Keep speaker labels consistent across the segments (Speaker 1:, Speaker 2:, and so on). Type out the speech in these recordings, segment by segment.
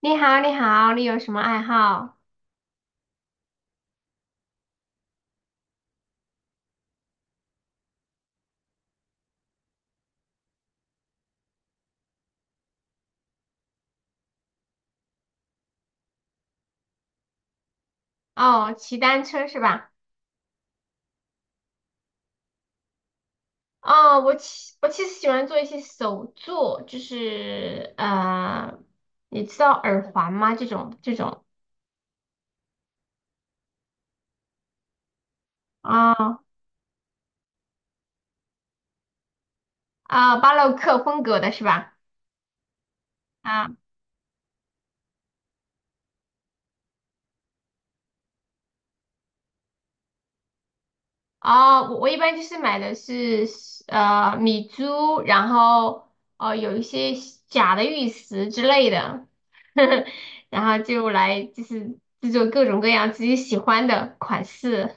Speaker 1: 你好，你好，你有什么爱好？哦，骑单车是吧？哦，我其实喜欢做一些手作，就是你知道耳环吗？这种啊啊、巴洛克风格的是吧？啊哦，我一般就是买的是米珠，然后有一些假的玉石之类的，然后就来就是制作各种各样自己喜欢的款式。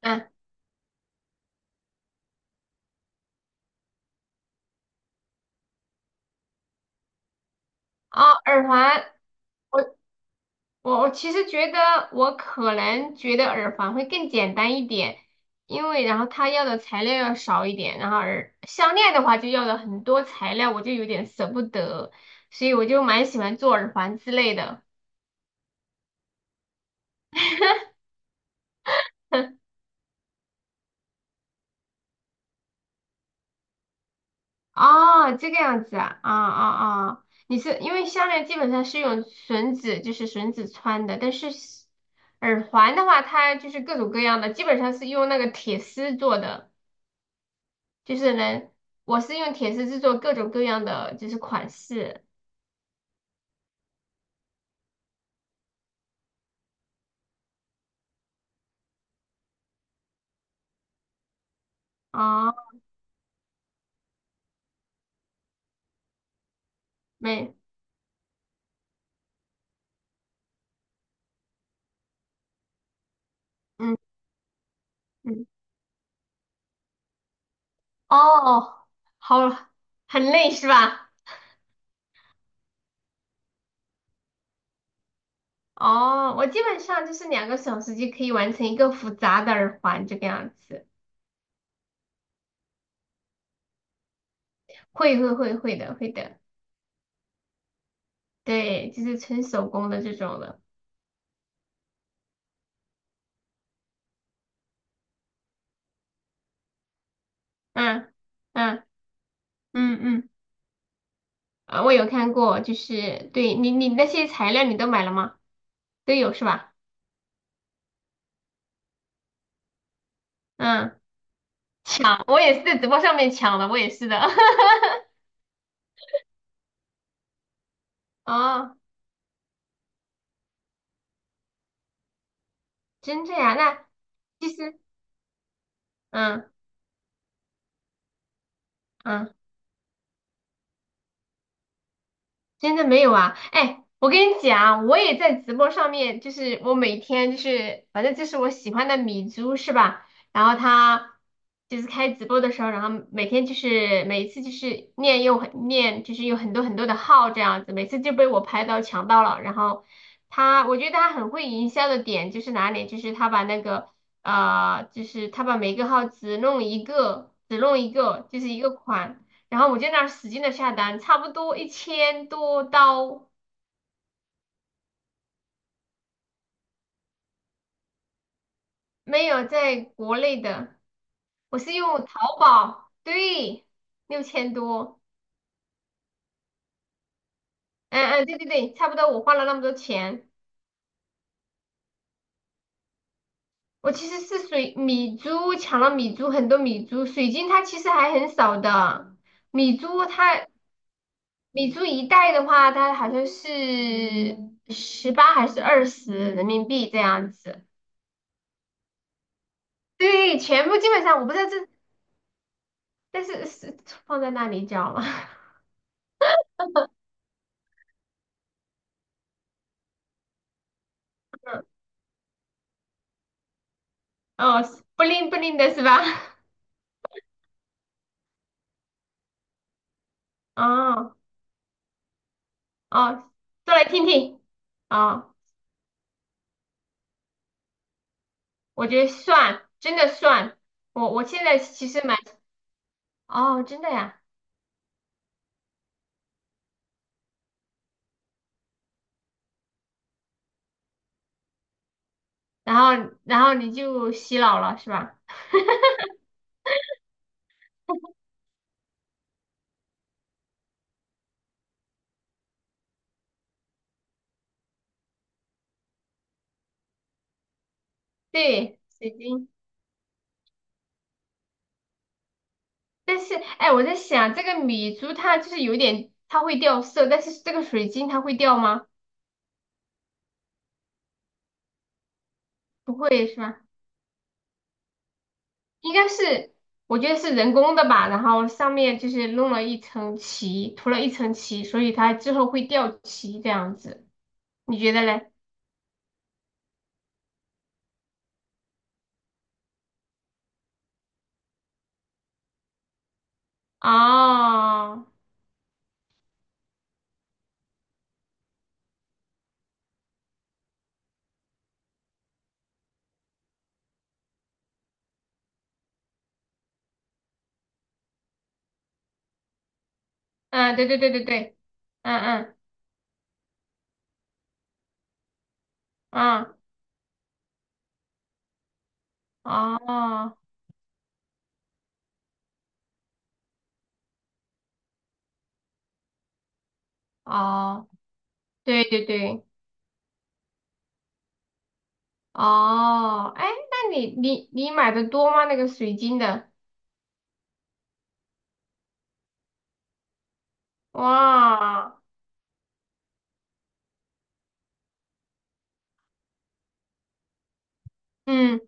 Speaker 1: 啊啊，耳环，我我其实觉得我可能觉得耳环会更简单一点，因为然后它要的材料要少一点，然后耳项链的话就要了很多材料，我就有点舍不得，所以我就蛮喜欢做耳环之类的。哦，这个样子啊，啊啊啊！你是因为项链基本上是用绳子，就是绳子穿的，但是耳环的话，它就是各种各样的，基本上是用那个铁丝做的。就是能，我是用铁丝制作各种各样的就是款式啊，没，嗯嗯，哦，好，很累是吧？哦，我基本上就是2个小时就可以完成一个复杂的耳环这个样子，会的，对，就是纯手工的这种的，嗯嗯嗯嗯，啊，我有看过，就是对你那些材料你都买了吗？都有是吧？嗯，我也是在直播上面抢的，我也是的。哦，真这呀？那其实，嗯嗯。真的没有啊？哎，我跟你讲，我也在直播上面，就是我每天就是，反正就是我喜欢的米珠是吧？然后他就是开直播的时候，然后每天就是每一次就是念又很念，就是有很多很多的号这样子，每次就被我拍到抢到了。然后他，我觉得他很会营销的点就是哪里？就是他把那个就是他把每个号只弄一个，只弄一个，就是一个款。然后我就那儿使劲的下单，差不多1000多刀，没有在国内的，我是用淘宝，对，6000多，嗯嗯，对对对，差不多我花了那么多钱。我其实是米珠抢了米珠很多米珠，水晶它其实还很少的，米珠它米珠一袋的话，它好像是18还是20人民币这样子。对，全部基本上我不知道这但是是放在那里叫吗？哦，不灵不灵的是吧？哦哦，说来听听。哦，我觉得算，真的算。我我现在其实蛮哦，真的呀。然后你就洗脑了是吧？对，水晶。但是哎，我在想这个米珠它就是有点它会掉色，但是这个水晶它会掉吗？不会是吧？应该是，我觉得是人工的吧，然后上面就是弄了一层漆，涂了一层漆，所以它之后会掉漆这样子，你觉得嘞？哦，嗯，对对对对对，嗯嗯嗯，哦哦，对对对，哦，哎，那你买的多吗？那个水晶的，哇，嗯，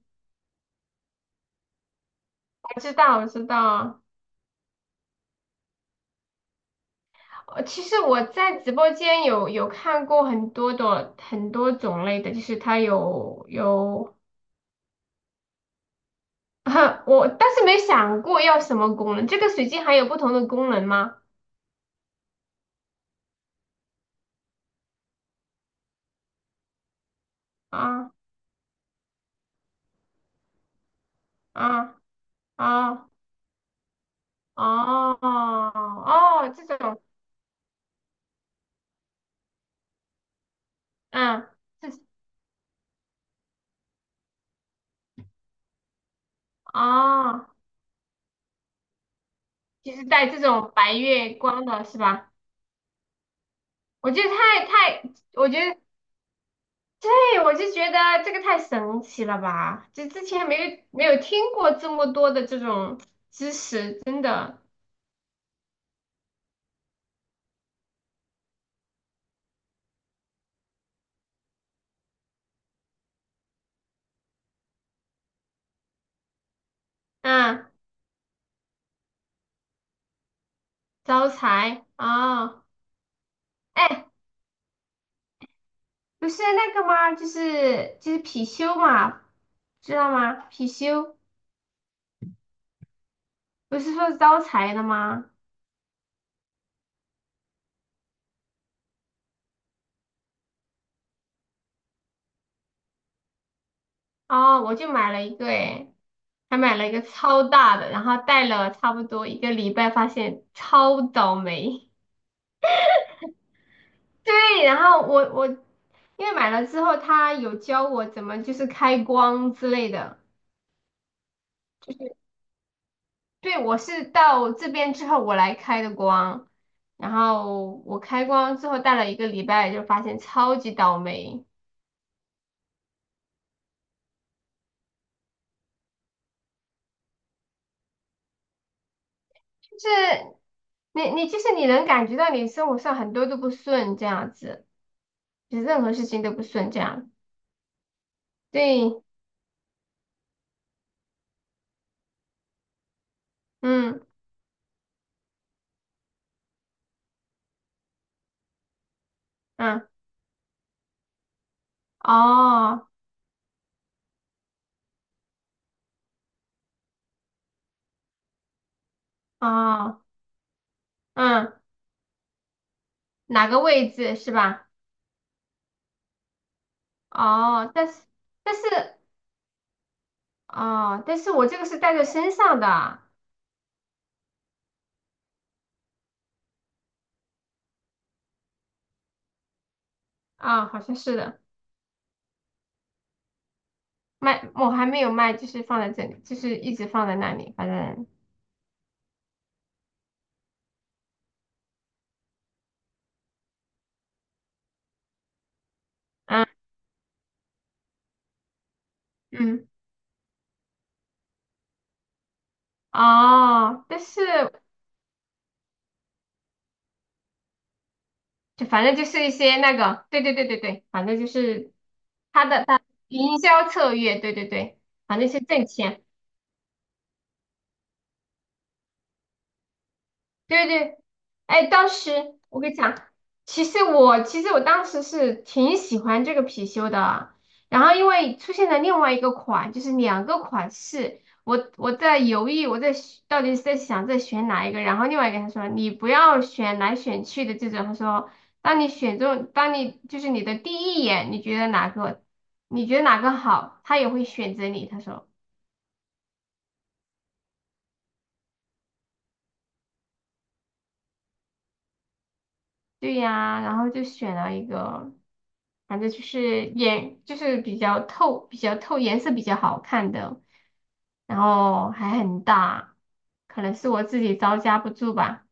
Speaker 1: 我知道我知道，其实我在直播间有看过很多的很多种类的，就是它有，我但是没想过要什么功能。这个水晶还有不同的功能吗？啊啊啊哦哦，这种嗯，这哦，就是带这种白月光的是吧？我觉得，我觉得对，我就觉得这个太神奇了吧！就之前没有听过这么多的这种知识，真的。嗯，招财啊，哎，不是那个吗？就是貔貅嘛，知道吗？貔貅不是说招财的吗？哦，我就买了一个，哎，还买了一个超大的，然后戴了差不多一个礼拜，发现超倒霉。对，然后我因为买了之后，他有教我怎么就是开光之类的。对，我是到这边之后我来开的光，然后我开光之后戴了一个礼拜，就发现超级倒霉，就是你就是你能感觉到你生活上很多都不顺这样子，就是任何事情都不顺这样。对，嗯嗯，哦哦嗯，哪个位置是吧？哦，但是。哦，但是我这个是带在身上的啊，啊好像是的，卖我还没有卖，就是放在这里，就是一直放在那里，反正，嗯嗯，哦，但是就反正就是一些那个，对对对对对，反正就是营销策略，对对对，反正是挣钱。对对，哎，当时我跟你讲，其实我当时是挺喜欢这个貔貅的，然后因为出现了另外一个款，就是两个款式，我在犹豫，我在选到底是在想在选哪一个，然后另外一个他说你不要选来选去的这种，他说当你选中，当你就是你的第一眼，你觉得哪个，你觉得哪个好，他也会选择你，他说。对呀，然后就选了一个，反正就是颜，就是比较透，比较透，颜色比较好看的，然后还很大，可能是我自己招架不住吧。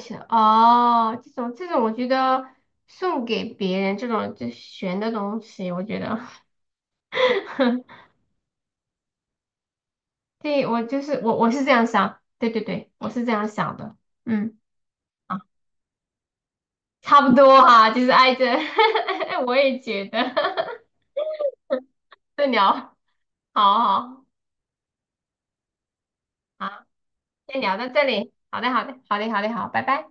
Speaker 1: 是哦，这种，我觉得送给别人这种就悬的东西，我觉得，对，我是这样想，对对对，我是这样想的，嗯啊，差不多哈、就是挨着，我也觉得，对聊，好好。好，先聊到这里。好的，好的，好的，好的，好，拜拜。